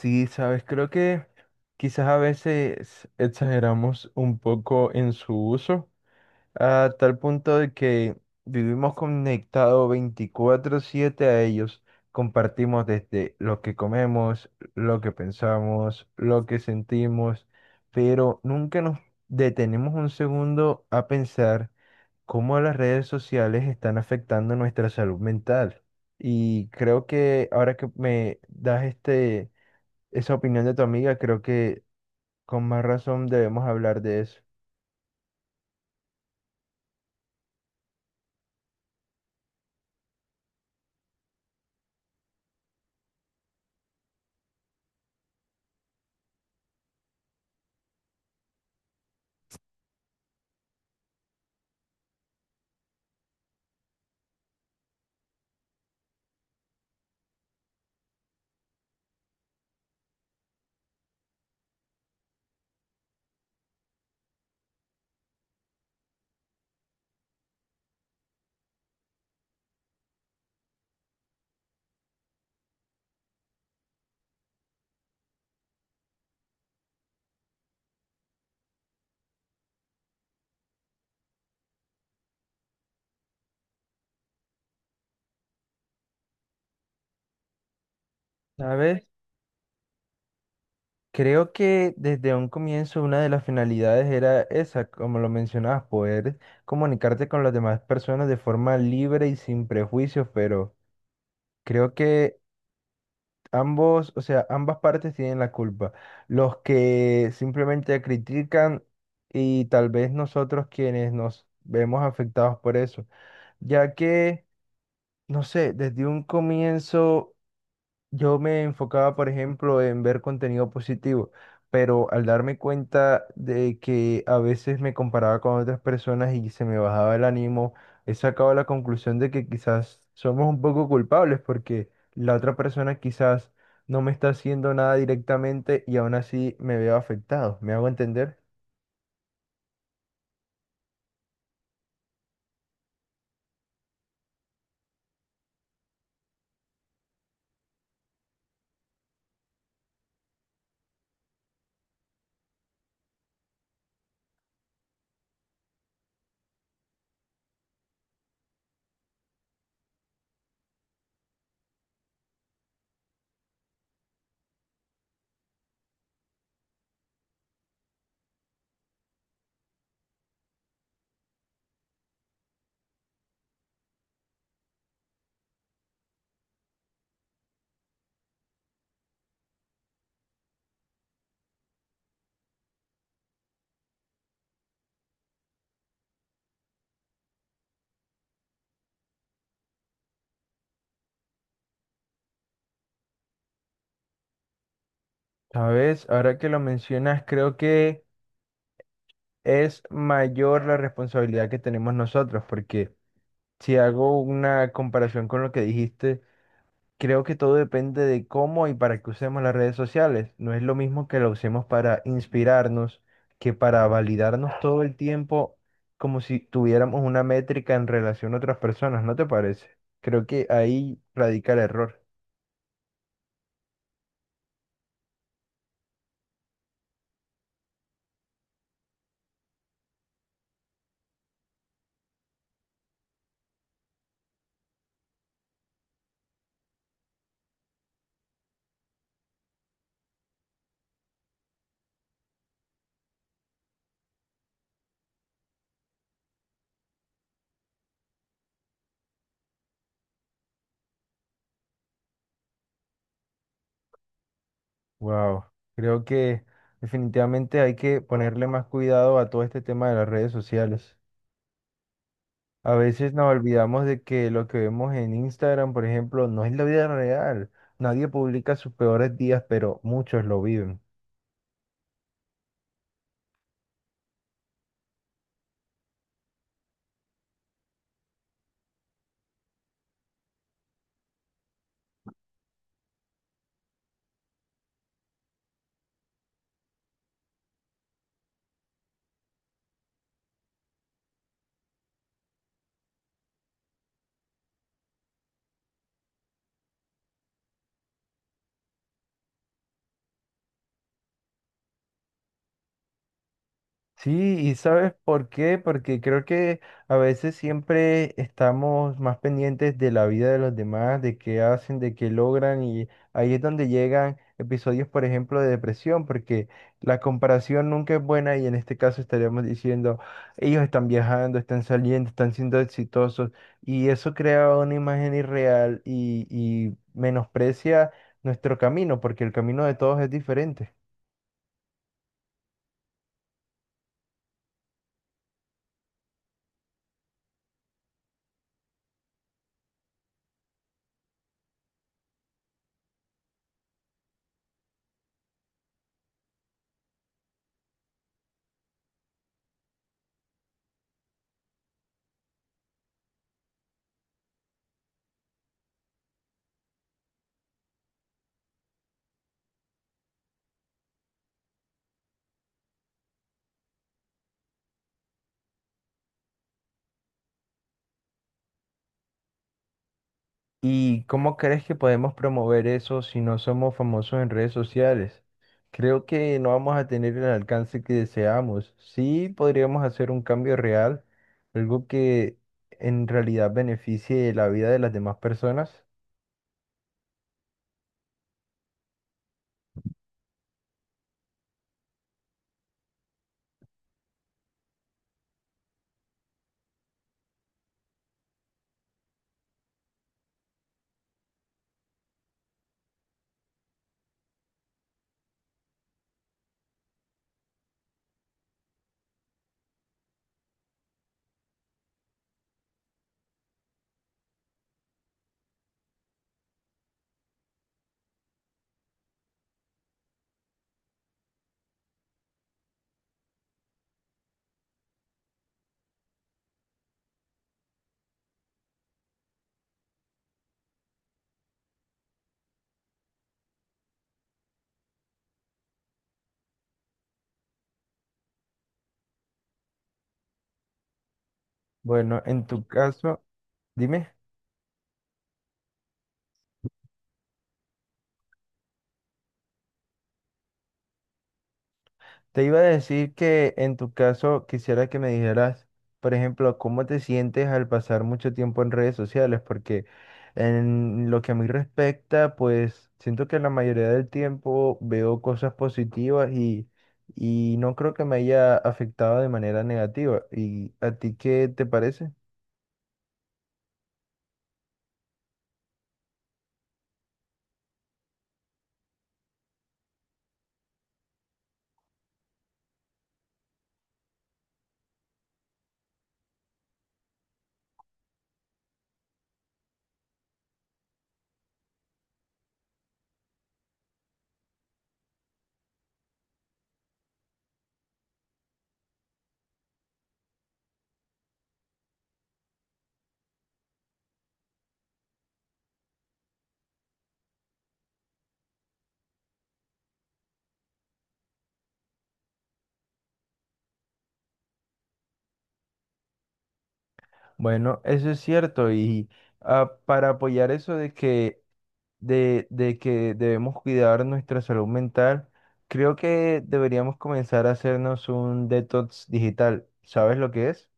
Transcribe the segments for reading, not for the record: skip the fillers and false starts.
Sí, sabes, creo que quizás a veces exageramos un poco en su uso, a tal punto de que vivimos conectados 24/7 a ellos. Compartimos desde lo que comemos, lo que pensamos, lo que sentimos, pero nunca nos detenemos un segundo a pensar cómo las redes sociales están afectando nuestra salud mental. Y creo que ahora que me das esa opinión de tu amiga, creo que con más razón debemos hablar de eso. ¿Sabes? Creo que desde un comienzo una de las finalidades era esa, como lo mencionabas, poder comunicarte con las demás personas de forma libre y sin prejuicios, pero creo que ambas partes tienen la culpa. Los que simplemente critican y tal vez nosotros quienes nos vemos afectados por eso, ya que, no sé, desde un comienzo yo me enfocaba, por ejemplo, en ver contenido positivo, pero al darme cuenta de que a veces me comparaba con otras personas y se me bajaba el ánimo, he sacado la conclusión de que quizás somos un poco culpables porque la otra persona quizás no me está haciendo nada directamente y aún así me veo afectado. ¿Me hago entender? Sabes, ahora que lo mencionas, creo que es mayor la responsabilidad que tenemos nosotros, porque si hago una comparación con lo que dijiste, creo que todo depende de cómo y para qué usemos las redes sociales. No es lo mismo que la usemos para inspirarnos que para validarnos todo el tiempo como si tuviéramos una métrica en relación a otras personas, ¿no te parece? Creo que ahí radica el error. Wow. Creo que definitivamente hay que ponerle más cuidado a todo este tema de las redes sociales. A veces nos olvidamos de que lo que vemos en Instagram, por ejemplo, no es la vida real. Nadie publica sus peores días, pero muchos lo viven. Sí, y ¿sabes por qué? Porque creo que a veces siempre estamos más pendientes de la vida de los demás, de qué hacen, de qué logran, y ahí es donde llegan episodios, por ejemplo, de depresión, porque la comparación nunca es buena y en este caso estaríamos diciendo, ellos están viajando, están saliendo, están siendo exitosos, y eso crea una imagen irreal y menosprecia nuestro camino, porque el camino de todos es diferente. ¿Y cómo crees que podemos promover eso si no somos famosos en redes sociales? Creo que no vamos a tener el alcance que deseamos. Sí podríamos hacer un cambio real, algo que en realidad beneficie la vida de las demás personas. Bueno, en tu caso, dime. Te iba a decir que en tu caso quisiera que me dijeras, por ejemplo, cómo te sientes al pasar mucho tiempo en redes sociales, porque en lo que a mí respecta, pues siento que la mayoría del tiempo veo cosas positivas y no creo que me haya afectado de manera negativa. ¿Y a ti qué te parece? Bueno, eso es cierto y para apoyar eso de que debemos cuidar nuestra salud mental, creo que deberíamos comenzar a hacernos un detox digital. ¿Sabes lo que es?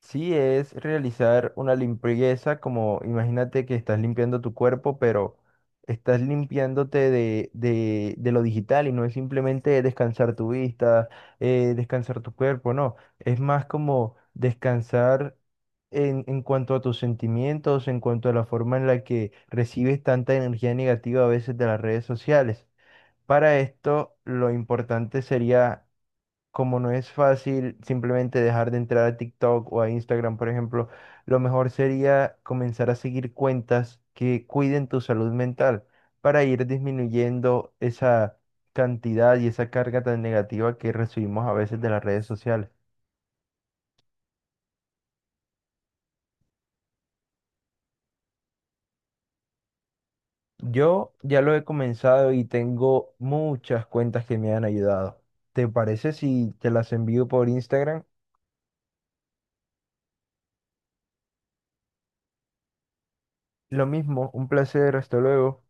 Sí, es realizar una limpieza, como imagínate que estás limpiando tu cuerpo, pero estás limpiándote de lo digital y no es simplemente descansar tu vista, descansar tu cuerpo, no, es más como descansar en cuanto a tus sentimientos, en cuanto a la forma en la que recibes tanta energía negativa a veces de las redes sociales. Para esto, lo importante sería como no es fácil simplemente dejar de entrar a TikTok o a Instagram, por ejemplo, lo mejor sería comenzar a seguir cuentas que cuiden tu salud mental para ir disminuyendo esa cantidad y esa carga tan negativa que recibimos a veces de las redes sociales. Yo ya lo he comenzado y tengo muchas cuentas que me han ayudado. ¿Te parece si te las envío por Instagram? Lo mismo, un placer, hasta luego.